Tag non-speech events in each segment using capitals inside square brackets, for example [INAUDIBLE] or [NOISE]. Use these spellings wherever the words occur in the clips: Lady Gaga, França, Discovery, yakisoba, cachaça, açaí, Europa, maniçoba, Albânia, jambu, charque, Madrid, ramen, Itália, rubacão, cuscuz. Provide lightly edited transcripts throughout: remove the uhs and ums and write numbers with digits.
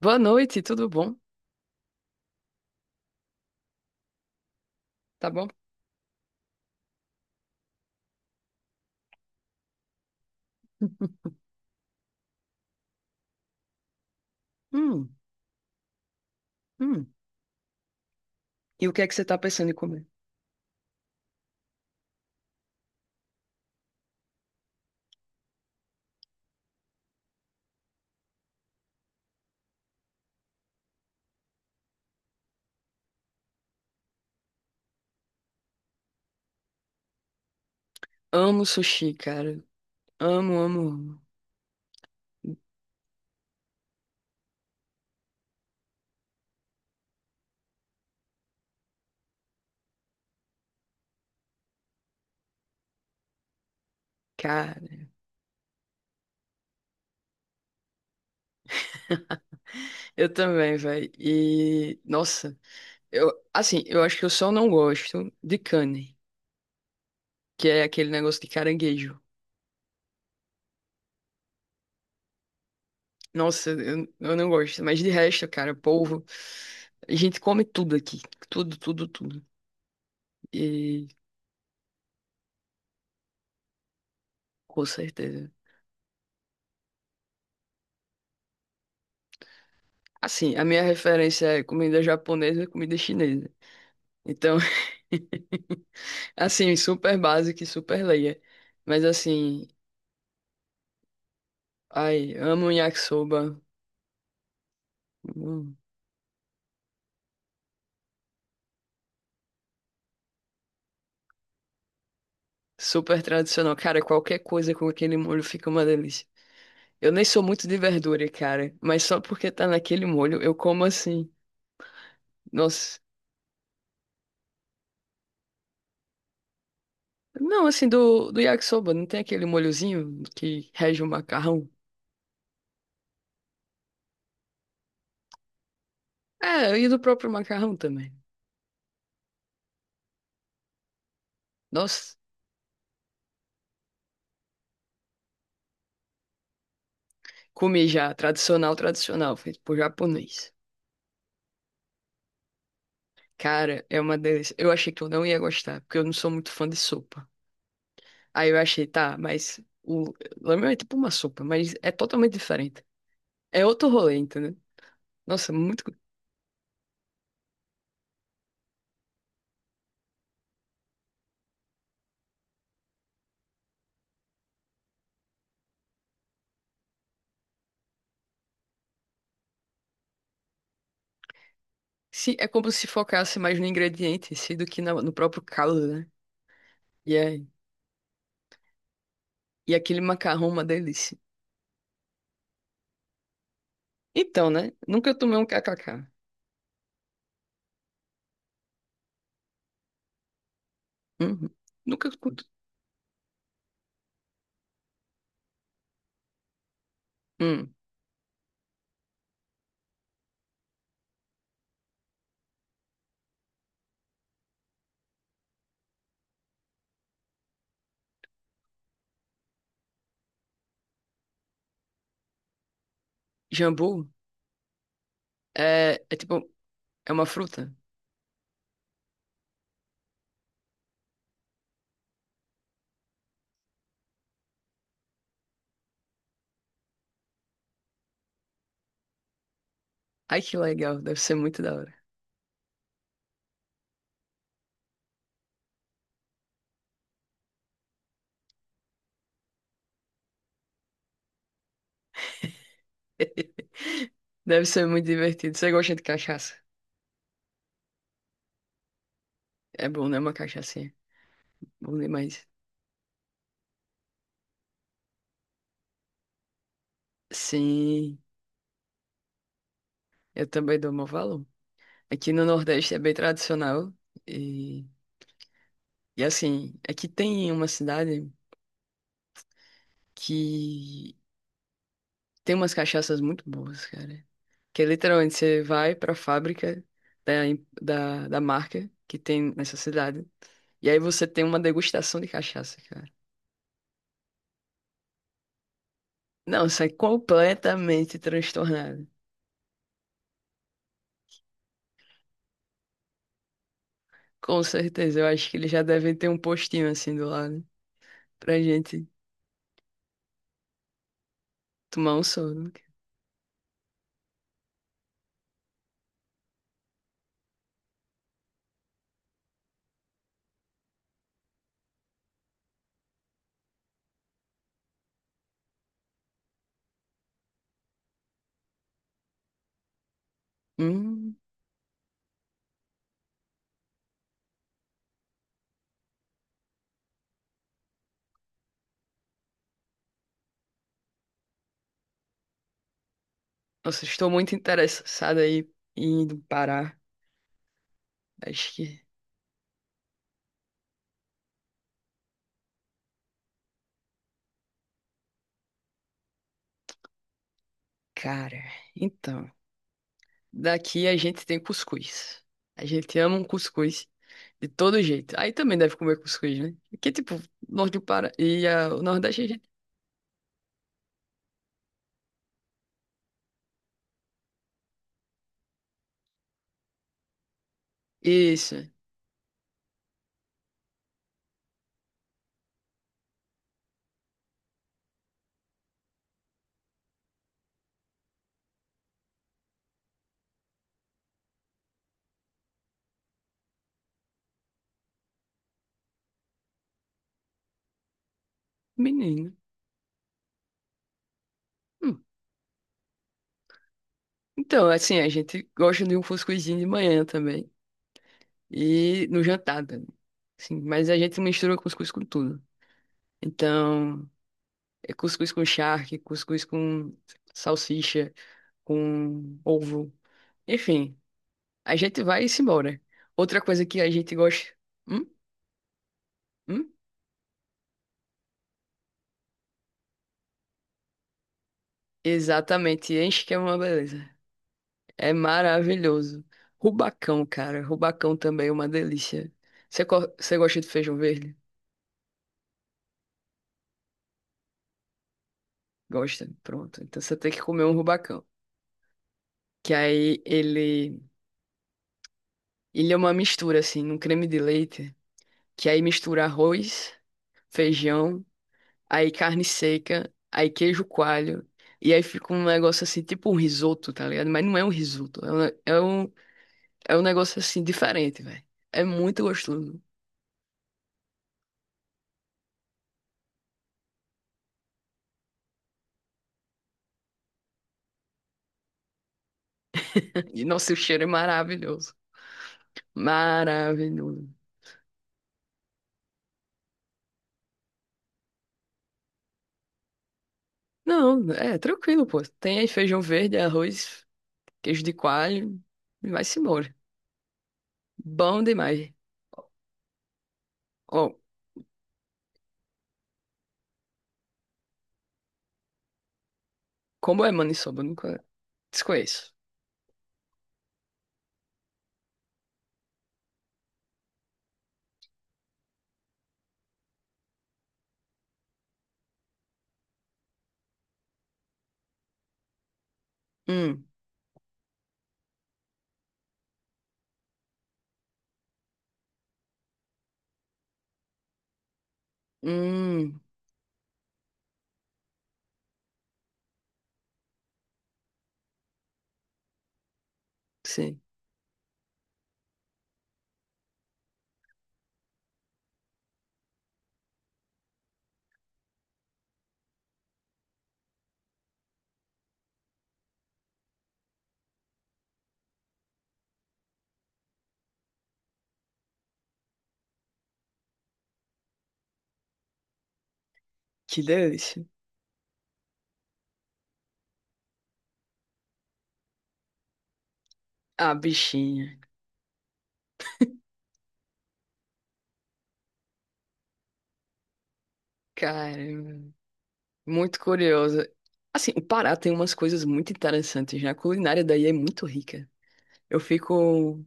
Boa noite, tudo bom? Tá bom? [LAUGHS] Hum, hum. E o que é que você tá pensando em comer? Amo sushi, cara. Amo, amo, amo. Cara, [LAUGHS] eu também, velho. E, nossa, eu, assim, eu acho que eu só não gosto de carne, que é aquele negócio de caranguejo. Nossa, eu não gosto. Mas de resto, cara, polvo. A gente come tudo aqui. Tudo, tudo, tudo. E com certeza. Assim, a minha referência é comida japonesa e comida chinesa. Então, [LAUGHS] assim, super básico e super leia. Mas assim, ai, amo yakisoba. Hum. Super tradicional. Cara, qualquer coisa com aquele molho fica uma delícia. Eu nem sou muito de verdura, cara. Mas só porque tá naquele molho, eu como assim. Nossa. Não, assim, do yakisoba, não tem aquele molhozinho que rege o macarrão? É, e do próprio macarrão também. Nossa, comi já, tradicional, tradicional, feito por japonês. Cara, é uma delícia. Eu achei que eu não ia gostar, porque eu não sou muito fã de sopa. Aí eu achei, tá, mas o ramen é tipo uma sopa, mas é totalmente diferente. É outro rolê, entendeu? Nossa, muito... Se, é como se focasse mais no ingrediente, em si do que na- no próprio caldo, né? E, é, e aquele macarrão, é uma delícia. Então, né? Nunca tomei um kkk. Uhum. Nunca. Cu- hum. Jambu é, é tipo, é uma fruta. Ai, que legal. Deve ser muito da hora. [LAUGHS] Deve ser muito divertido. Você gosta de cachaça? É bom, né? Uma cachaçinha. Bom demais. Sim, eu também dou meu valor. Aqui no Nordeste é bem tradicional. E, e assim, aqui tem uma cidade que tem umas cachaças muito boas, cara. Que é literalmente você vai para a fábrica da, em- da, da marca que tem nessa cidade. E aí você tem uma degustação de cachaça, cara. Não, sai completamente transtornado. Com certeza, eu acho que eles já devem ter um postinho assim do lado pra gente tomar um soro. Hum, nossa, estou muito interessado aí em indo Pará. Acho que, cara, então, daqui a gente tem cuscuz. A gente ama um cuscuz. De todo jeito. Aí também deve comer cuscuz, né? Que tipo, norte do Pará e ah, o Nordeste a gente... Isso, menino. Hum. Então, assim, a gente gosta de um cuscuzinho de manhã também. E no jantar também. Sim, mas a gente mistura cuscuz com tudo. Então, é cuscuz com charque, cuscuz com salsicha, com ovo. Enfim, a gente vai e se embora. Outra coisa que a gente gosta... Hum? Hum? Exatamente, enche que é uma beleza. É maravilhoso. Rubacão, cara. Rubacão também é uma delícia. Você, co- você gosta de feijão verde? Gosta. Pronto. Então você tem que comer um rubacão. Que aí ele é uma mistura, assim, num creme de leite. Que aí mistura arroz, feijão, aí carne seca, aí queijo coalho. E aí fica um negócio assim, tipo um risoto, tá ligado? Mas não é um risoto. É um, ne- é um negócio assim, diferente, velho. É muito gostoso. [LAUGHS] E nosso cheiro é maravilhoso. Maravilhoso. Não, é tranquilo, pô. Tem aí feijão verde, arroz, queijo de coalho e vai-se embora. Bom demais. Ó, como é maniçoba? Eu nunca, desconheço. Hum, hum, sim. Que delícia. Ah, bichinha. Caramba. Muito curiosa. Assim, o Pará tem umas coisas muito interessantes, né? A culinária daí é muito rica. Eu fico,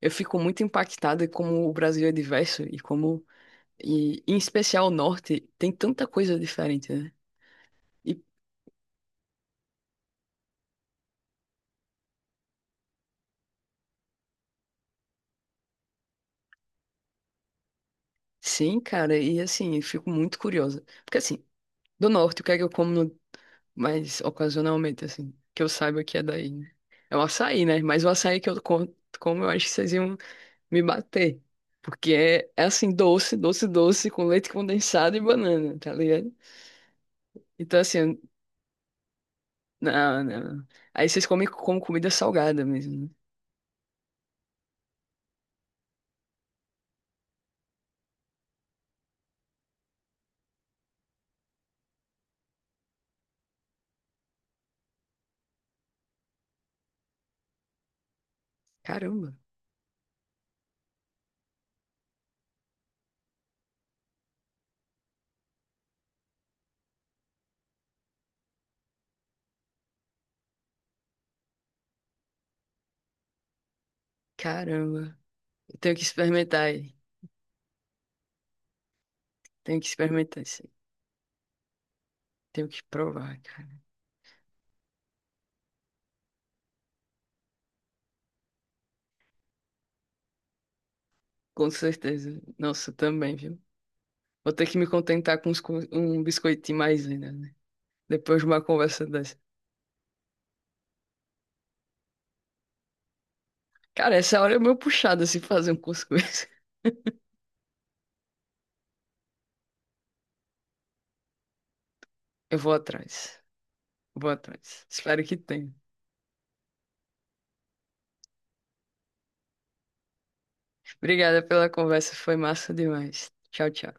eu fico muito impactada como o Brasil é diverso e como, e, em especial o norte, tem tanta coisa diferente, né? E sim, cara, e assim, eu fico muito curiosa. Porque assim, do norte, o que é que eu como no- mais ocasionalmente, assim, que eu saiba que é daí, né? É o açaí, né? Mas o açaí que eu co- como, eu acho que vocês iam me bater. Porque é, é assim, doce, doce, doce, com leite condensado e banana, tá ligado? Então, assim, não, não. Aí vocês comem como comida salgada mesmo, né? Caramba, caramba. Eu tenho que experimentar aí. Tenho que experimentar isso aí. Tenho que provar, cara. Com certeza. Nossa, também, viu? Vou ter que me contentar com uns co- um biscoitinho mais ainda, né? Depois de uma conversa dessa. Cara, essa hora é meio puxada se fazer um cuscuz. [LAUGHS] Eu vou atrás. Vou atrás. Espero que tenha. Obrigada pela conversa, foi massa demais. Tchau, tchau.